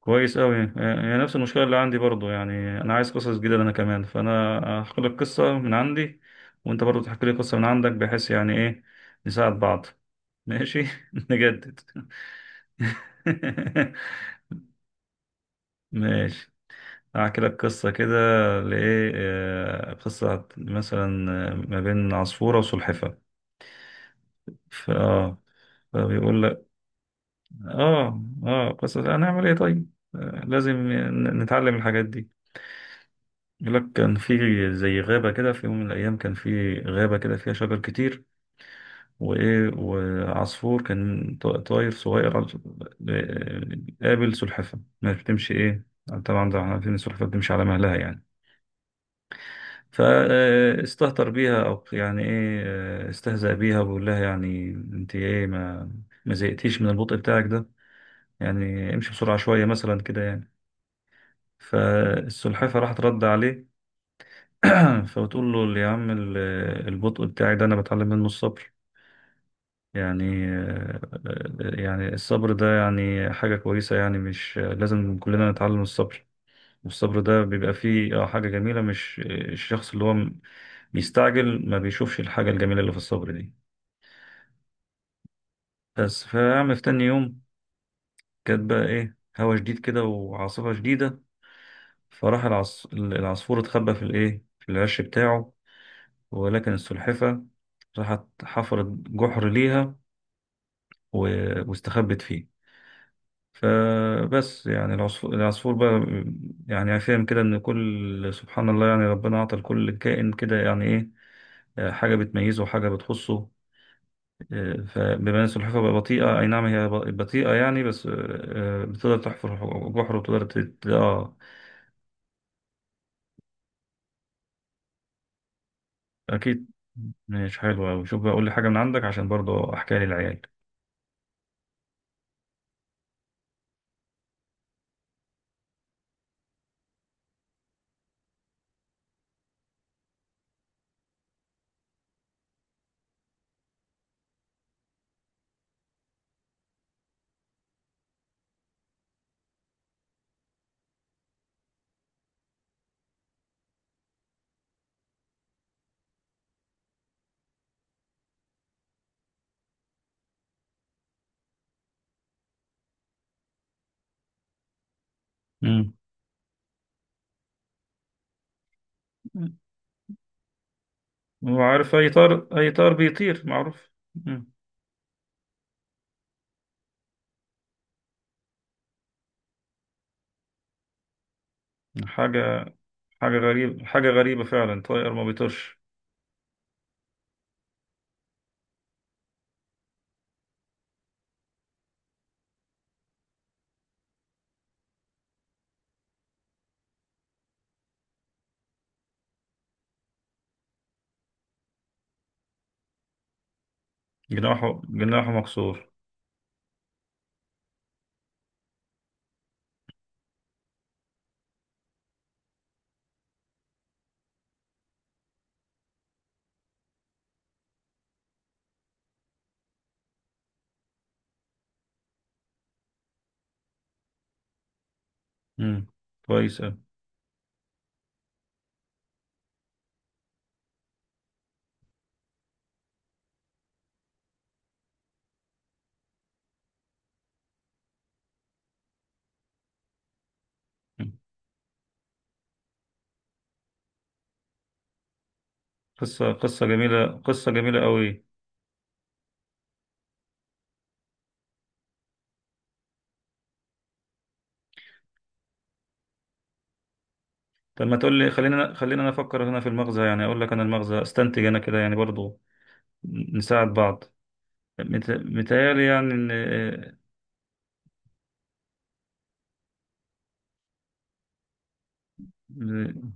كويس أوي، هي نفس المشكلة اللي عندي برضو، يعني أنا عايز قصص جديدة أنا كمان، فأنا هحكي لك قصة من عندي وأنت برضو تحكي لي قصة من عندك، بحيث يعني إيه، نساعد بعض. ماشي نجدد ماشي، هحكي لك قصة كده. لإيه، قصة مثلا، ما بين عصفورة وسلحفاة. ف- آه فبيقول لك، قصة هنعمل إيه؟ طيب، لازم نتعلم الحاجات دي. يقول لك كان في زي غابة كده، في يوم من الأيام كان في غابة كده فيها شجر كتير وإيه وعصفور كان طاير صغير آه، قابل سلحفاة، ما بتمشي إيه. طبعا ده احنا عارفين إن السلحفاة بتمشي على مهلها يعني، فاستهتر بيها أو يعني إيه، استهزأ بيها وبيقول لها، يعني أنت إيه، ما زهقتيش من البطء بتاعك ده؟ يعني امشي بسرعة شوية مثلا كده يعني. فالسلحفاة راحت رد عليه. فبتقول له، يا عم البطء بتاعي ده انا بتعلم منه الصبر، يعني يعني الصبر ده يعني حاجة كويسة، يعني مش لازم كلنا نتعلم الصبر؟ والصبر ده بيبقى فيه حاجة جميلة، مش الشخص اللي هو بيستعجل ما بيشوفش الحاجة الجميلة اللي في الصبر دي. بس فيعمل في تاني يوم، كانت بقى ايه، هوا شديد كده وعاصفة شديدة، فراح العصفور اتخبى في الايه، في العش بتاعه، ولكن السلحفة راحت حفرت جحر ليها واستخبت فيه. فبس يعني العصفور بقى يعني فاهم كده ان كل سبحان الله، يعني ربنا اعطى لكل كائن كده يعني ايه، حاجة بتميزه وحاجة بتخصه. فبما ان السلحفاة بقى بطيئة، اي نعم هي بطيئة يعني، بس بتقدر تحفر جحر وتقدر اكيد. مش حلو اوي، شوف بقى قول لي حاجة من عندك عشان برضه احكيها للعيال. امم وعارف اي طار بيطير معروف. مم. حاجة حاجة غريبة، حاجة غريبة فعلا، طائر ما بيطيرش. جناحه مكسور. امم كويس أوي. مم. قصة جميلة، قصة جميلة قوي. طب ما تقول لي، خلينا خلينا أنا أفكر هنا في المغزى، يعني أقول لك أنا المغزى، أستنتج أنا كده يعني برضو نساعد بعض. متهيألي يعني إن-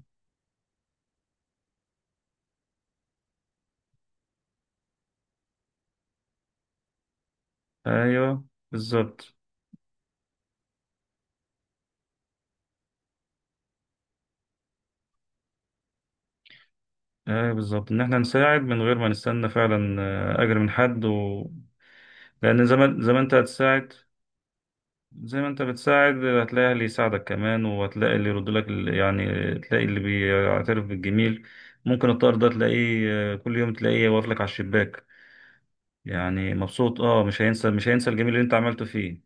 أيوه بالظبط. أيوه بالظبط، إن إحنا نساعد من غير ما نستنى فعلا أجر من حد و... لأن زمان زمان أنت هتساعد، زي ما انت بتساعد هتلاقي اللي يساعدك كمان، وهتلاقي اللي يرد لك يعني تلاقي اللي بيعترف بالجميل. ممكن الطائر ده تلاقيه، كل يوم تلاقيه واقف لك على الشباك، يعني مبسوط. اه مش هينسى الجميل اللي انت عملته فيه.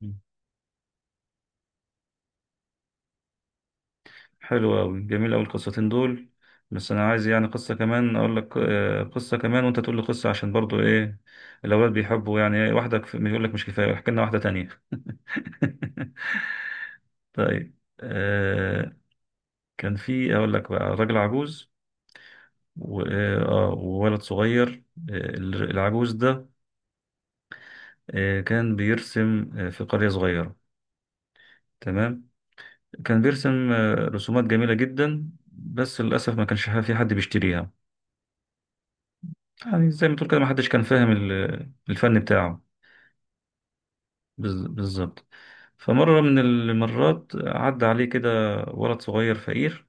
مم. حلو قوي، جميل قوي القصتين دول. بس انا عايز يعني قصة كمان، اقول لك قصة كمان وانت تقول لي قصة، عشان برضو ايه، الاولاد بيحبوا يعني إيه، واحدة يقول لك مش كفاية، احكي لنا واحدة تانية. طيب كان في، اقول لك بقى راجل عجوز و- وولد صغير. آه، العجوز ده كان بيرسم في قرية صغيرة. تمام. كان بيرسم رسومات جميلة جدا، بس للأسف ما كانش في حد بيشتريها. يعني زي ما تقول كده، ما حدش كان فاهم الفن بتاعه. بالظبط. فمرة من المرات عدى عليه كده ولد صغير فقير،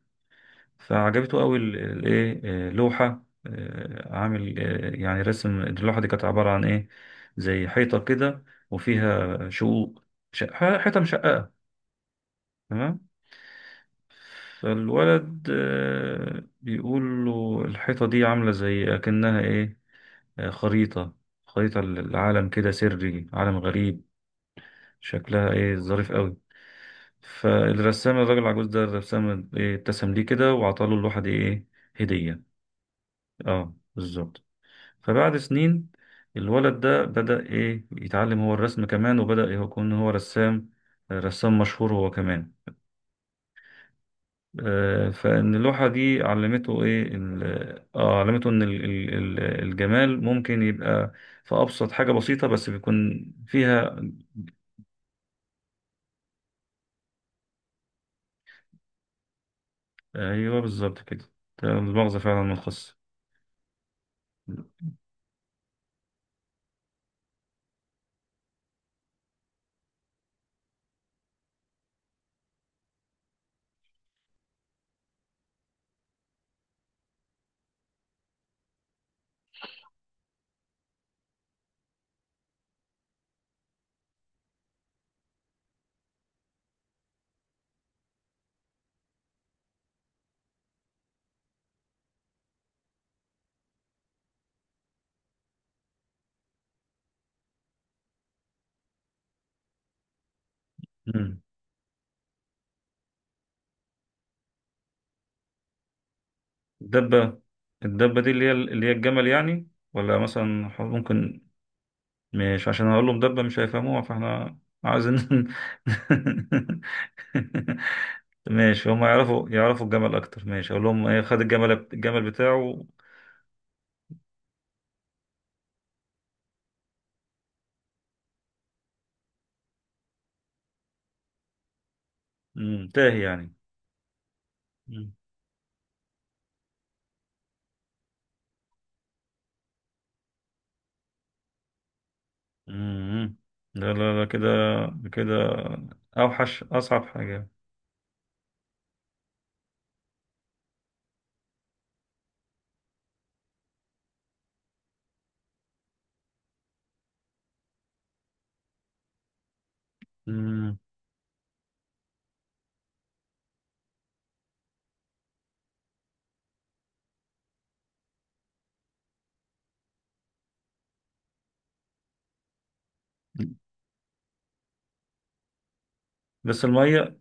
فعجبته قوي الايه، لوحه، عامل يعني رسم، اللوحه دي كانت عباره عن ايه، زي حيطه كده وفيها شقوق، حيطه مشققه. تمام. فالولد بيقول له الحيطه دي عامله زي اكنها ايه، خريطه، خريطه للعالم كده، سري عالم غريب، شكلها ايه، ظريف قوي. فالرسام الراجل العجوز ده الرسام إيه، ابتسم ليه كده وعطاله اللوحه دي ايه، هديه. اه، بالظبط. فبعد سنين الولد ده بدأ إيه يتعلم هو الرسم كمان، وبدأ يكون هو رسام، رسام مشهور هو كمان. فإن اللوحة دي علمته إيه علمته إن الجمال ممكن يبقى في أبسط حاجة بسيطة، بس بيكون فيها. أيوه بالظبط كده، ده المغزى فعلا من القصة. مم. الدبة الدبة دي اللي هي الجمل يعني، ولا مثلا ممكن. مش عشان اقول له مدبة مش هيفهموها، فاحنا عايزين. ماشي هم يعرفوا الجمل اكتر، ماشي اقول لهم ايه، خد الجمل بتاعه. تاهي يعني. مم. مم. لا، لا، لا، كده كده، اوحش اصعب حاجة. مم. بس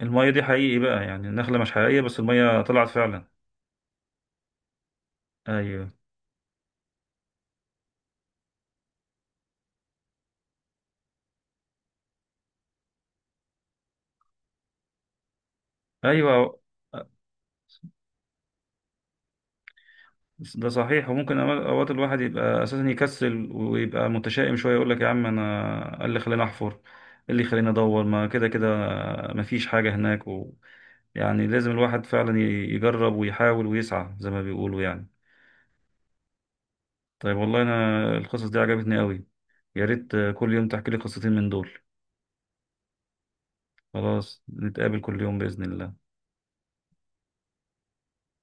المية دي حقيقي بقى، يعني النخلة مش حقيقية بس المية طلعت فعلا. ايوه، ايوه ده صحيح. وممكن أوقات أوقات الواحد يبقى أساسا يكسل ويبقى متشائم شوية، يقول لك يا عم أنا إيه اللي خلاني أحفر، إيه اللي خلاني أدور، ما كده كده، مفيش حاجة هناك و... يعني لازم الواحد فعلا يجرب ويحاول ويسعى زي ما بيقولوا يعني. طيب والله أنا القصص دي عجبتني قوي، يا ريت كل يوم تحكي لي قصتين من دول. خلاص نتقابل كل يوم بإذن الله.